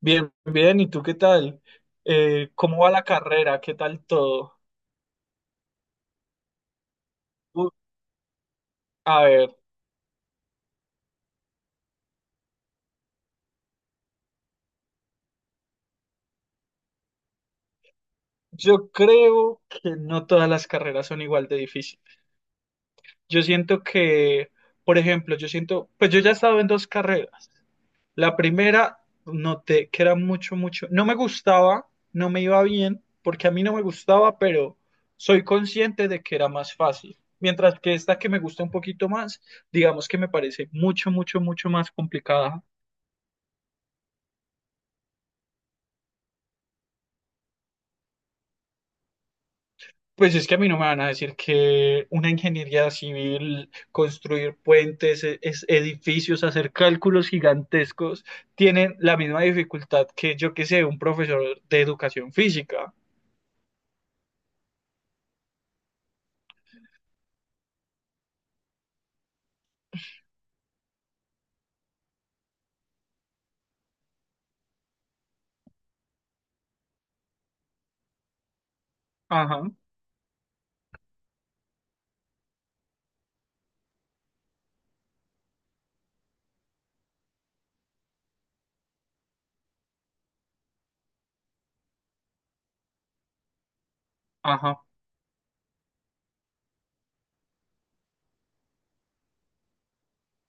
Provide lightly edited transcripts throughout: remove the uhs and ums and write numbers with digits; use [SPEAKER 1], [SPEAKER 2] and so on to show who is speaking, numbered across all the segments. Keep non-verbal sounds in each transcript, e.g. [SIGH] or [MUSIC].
[SPEAKER 1] Bien, bien, ¿y tú qué tal? ¿Cómo va la carrera? ¿Qué tal todo? U- a ver, yo creo que no todas las carreras son igual de difíciles. Yo siento que, por ejemplo, yo siento, pues yo ya he estado en dos carreras. La primera noté que era mucho, mucho, no me gustaba, no me iba bien, porque a mí no me gustaba, pero soy consciente de que era más fácil. Mientras que esta que me gusta un poquito más, digamos que me parece mucho, mucho, mucho más complicada. Pues es que a mí no me van a decir que una ingeniería civil, construir puentes, edificios, hacer cálculos gigantescos, tienen la misma dificultad que yo que sé, un profesor de educación física. Ajá, ajá,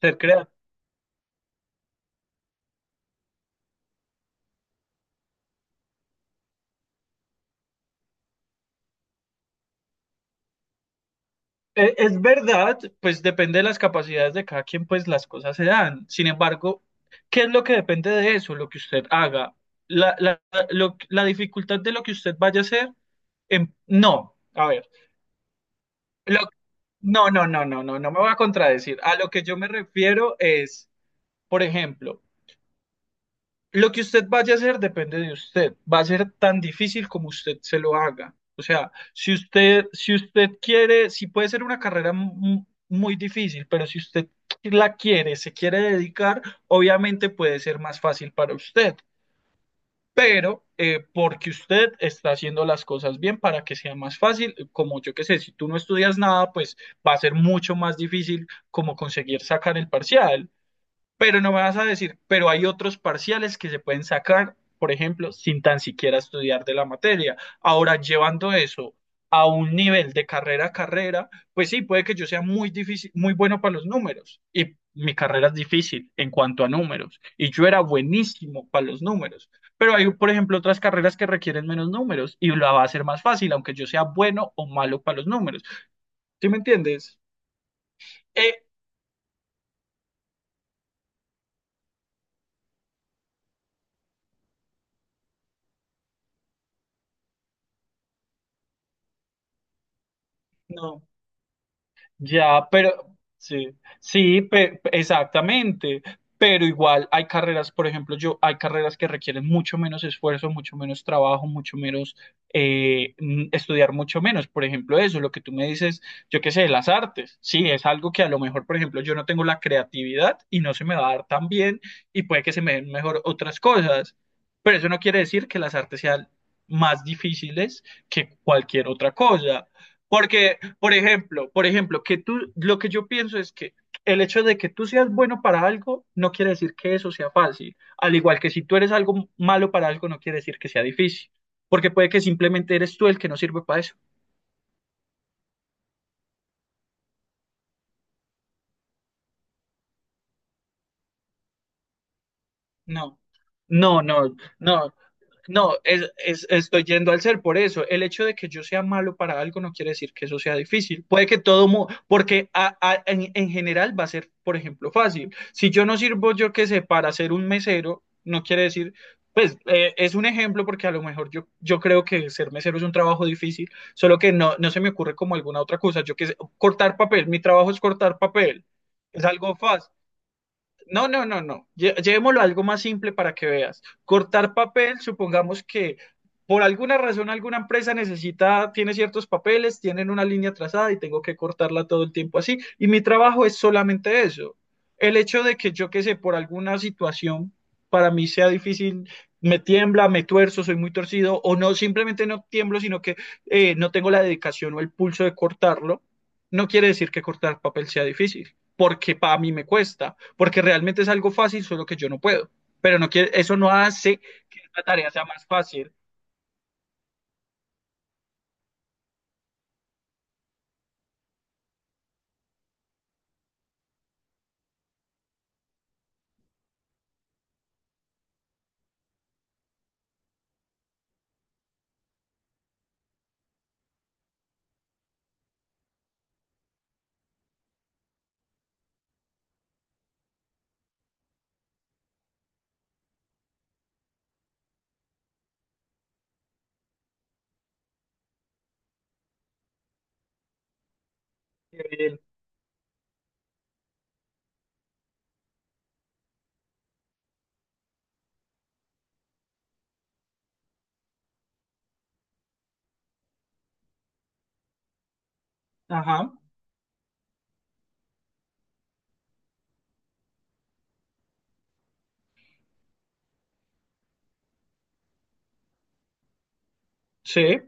[SPEAKER 1] ser creativo. Es verdad, pues depende de las capacidades de cada quien, pues las cosas se dan. Sin embargo, ¿qué es lo que depende de eso? Lo que usted haga. La, la, la dificultad de lo que usted vaya a hacer, no. A ver. No, no, no, no, no, no me voy a contradecir. A lo que yo me refiero es, por ejemplo, lo que usted vaya a hacer depende de usted. Va a ser tan difícil como usted se lo haga. O sea, si usted quiere, si puede ser una carrera muy difícil, pero si usted la quiere, se quiere dedicar, obviamente puede ser más fácil para usted, pero porque usted está haciendo las cosas bien para que sea más fácil, como yo que sé, si tú no estudias nada, pues va a ser mucho más difícil como conseguir sacar el parcial. Pero no me vas a decir, pero hay otros parciales que se pueden sacar, por ejemplo, sin tan siquiera estudiar de la materia. Ahora, llevando eso a un nivel de carrera a carrera, pues sí, puede que yo sea muy difícil, muy bueno para los números y mi carrera es difícil en cuanto a números y yo era buenísimo para los números, pero hay, por ejemplo, otras carreras que requieren menos números y la va a ser más fácil, aunque yo sea bueno o malo para los números. ¿Sí me entiendes? Eh, no. Ya, pero sí, sí, exactamente. Pero igual hay carreras, por ejemplo, yo hay carreras que requieren mucho menos esfuerzo, mucho menos trabajo, mucho menos estudiar mucho menos. Por ejemplo, eso, lo que tú me dices, yo qué sé, las artes. Sí, es algo que a lo mejor, por ejemplo, yo no tengo la creatividad y no se me va a dar tan bien y puede que se me den mejor otras cosas. Pero eso no quiere decir que las artes sean más difíciles que cualquier otra cosa. Porque por ejemplo, que tú, lo que yo pienso es que el hecho de que tú seas bueno para algo no quiere decir que eso sea fácil. Al igual que si tú eres algo malo para algo, no quiere decir que sea difícil. Porque puede que simplemente eres tú el que no sirve para eso. No, no, no, no. No, estoy yendo al ser por eso. El hecho de que yo sea malo para algo no quiere decir que eso sea difícil. Puede que todo, porque en general va a ser, por ejemplo, fácil. Si yo no sirvo, yo qué sé, para ser un mesero, no quiere decir, pues es un ejemplo porque a lo mejor yo, yo creo que ser mesero es un trabajo difícil, solo que no, no se me ocurre como alguna otra cosa. Yo qué sé, cortar papel, mi trabajo es cortar papel. Es algo fácil. No, no, no, no. Llevémoslo a algo más simple para que veas. Cortar papel, supongamos que por alguna razón alguna empresa necesita, tiene ciertos papeles, tienen una línea trazada y tengo que cortarla todo el tiempo así. Y mi trabajo es solamente eso. El hecho de que yo, qué sé, por alguna situación para mí sea difícil, me tiembla, me tuerzo, soy muy torcido, o no, simplemente no tiemblo, sino que no tengo la dedicación o el pulso de cortarlo, no quiere decir que cortar papel sea difícil, porque para mí me cuesta porque realmente es algo fácil, solo que yo no puedo. Pero no quiere, eso no hace que la tarea sea más fácil. Eh, Ajá, sí.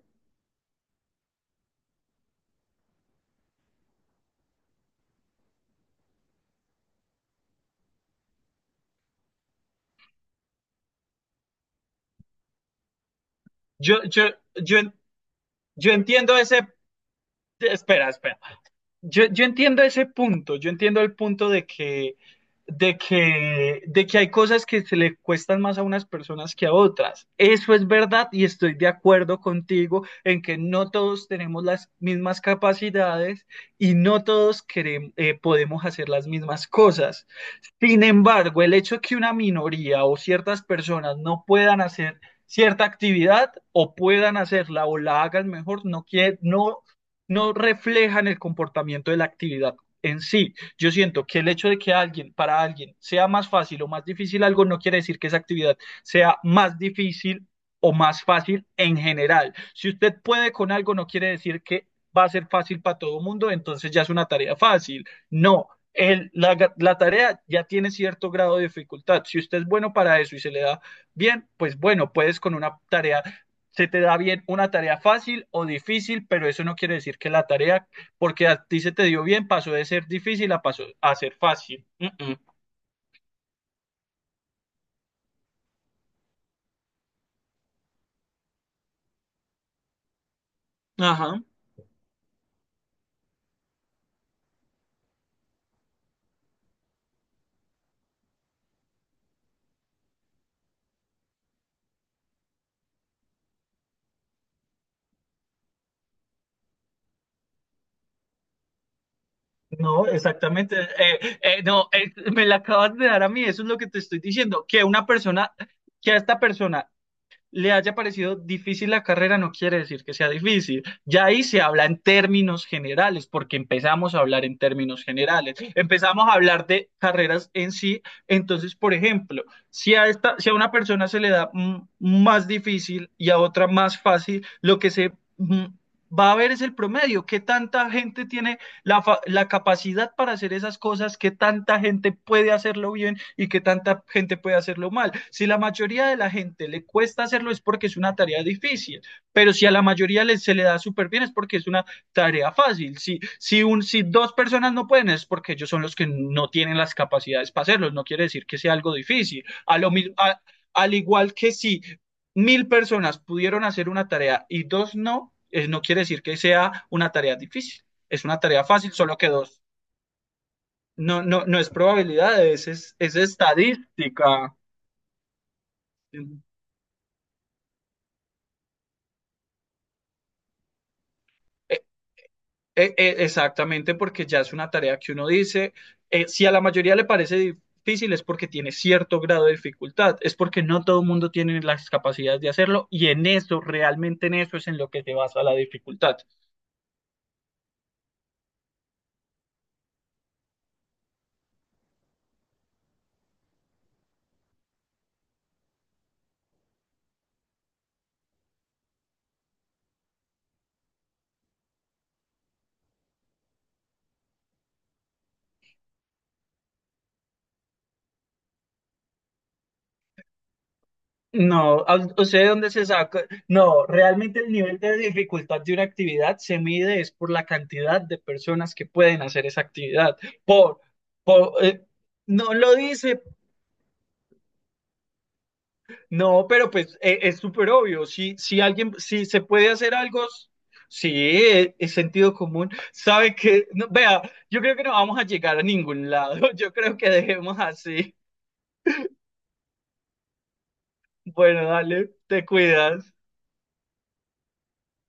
[SPEAKER 1] Yo, yo, yo, en- yo entiendo ese... Espera, espera. Yo entiendo ese punto, yo entiendo el punto de que, de que hay cosas que se le cuestan más a unas personas que a otras. Eso es verdad y estoy de acuerdo contigo en que no todos tenemos las mismas capacidades y no todos podemos hacer las mismas cosas. Sin embargo, el hecho que una minoría o ciertas personas no puedan hacer cierta actividad o puedan hacerla o la hagan mejor, no quiere, no reflejan el comportamiento de la actividad en sí. Yo siento que el hecho de que alguien, para alguien, sea más fácil o más difícil algo, no quiere decir que esa actividad sea más difícil o más fácil en general. Si usted puede con algo, no quiere decir que va a ser fácil para todo el mundo, entonces ya es una tarea fácil. No, la tarea ya tiene cierto grado de dificultad. Si usted es bueno para eso y se le da bien, pues bueno, puedes con una tarea, se te da bien una tarea fácil o difícil, pero eso no quiere decir que la tarea, porque a ti se te dio bien, pasó de ser difícil a, pasó a ser fácil. Mm. Ajá. No, exactamente. No, me la acabas de dar a mí, eso es lo que te estoy diciendo, que una persona, que a esta persona le haya parecido difícil la carrera no quiere decir que sea difícil. Ya ahí se habla en términos generales, porque empezamos a hablar en términos generales. Empezamos a hablar de carreras en sí. Entonces, por ejemplo, si a una persona se le da más difícil y a otra más fácil, lo que se mm, va a ver es el promedio. ¿Qué tanta gente tiene la, la capacidad para hacer esas cosas, que tanta gente puede hacerlo bien y que tanta gente puede hacerlo mal? Si la mayoría de la gente le cuesta hacerlo es porque es una tarea difícil, pero si a la mayoría se le da súper bien es porque es una tarea fácil. Si dos personas no pueden es porque ellos son los que no tienen las capacidades para hacerlo, no quiere decir que sea algo difícil. A- Al igual que si 1000 personas pudieron hacer una tarea y dos no, no quiere decir que sea una tarea difícil. Es una tarea fácil, solo que dos. No, no, no es probabilidades, es estadística. Eh, exactamente, porque ya es una tarea que uno dice, si a la mayoría le parece difícil es porque tiene cierto grado de dificultad, es porque no todo el mundo tiene las capacidades de hacerlo y en eso, realmente en eso es en lo que se basa la dificultad. No, ¿a- ¿usted de dónde se saca? No, realmente el nivel de dificultad de una actividad se mide es por la cantidad de personas que pueden hacer esa actividad. Por, por, eh, no lo dice, no, pero pues es súper obvio. Si se puede hacer algo, sí, es, sentido común. Sabe que, no, vea, yo creo que no vamos a llegar a ningún lado. [LAUGHS] Yo creo que dejemos así. Bueno, dale, te cuidas.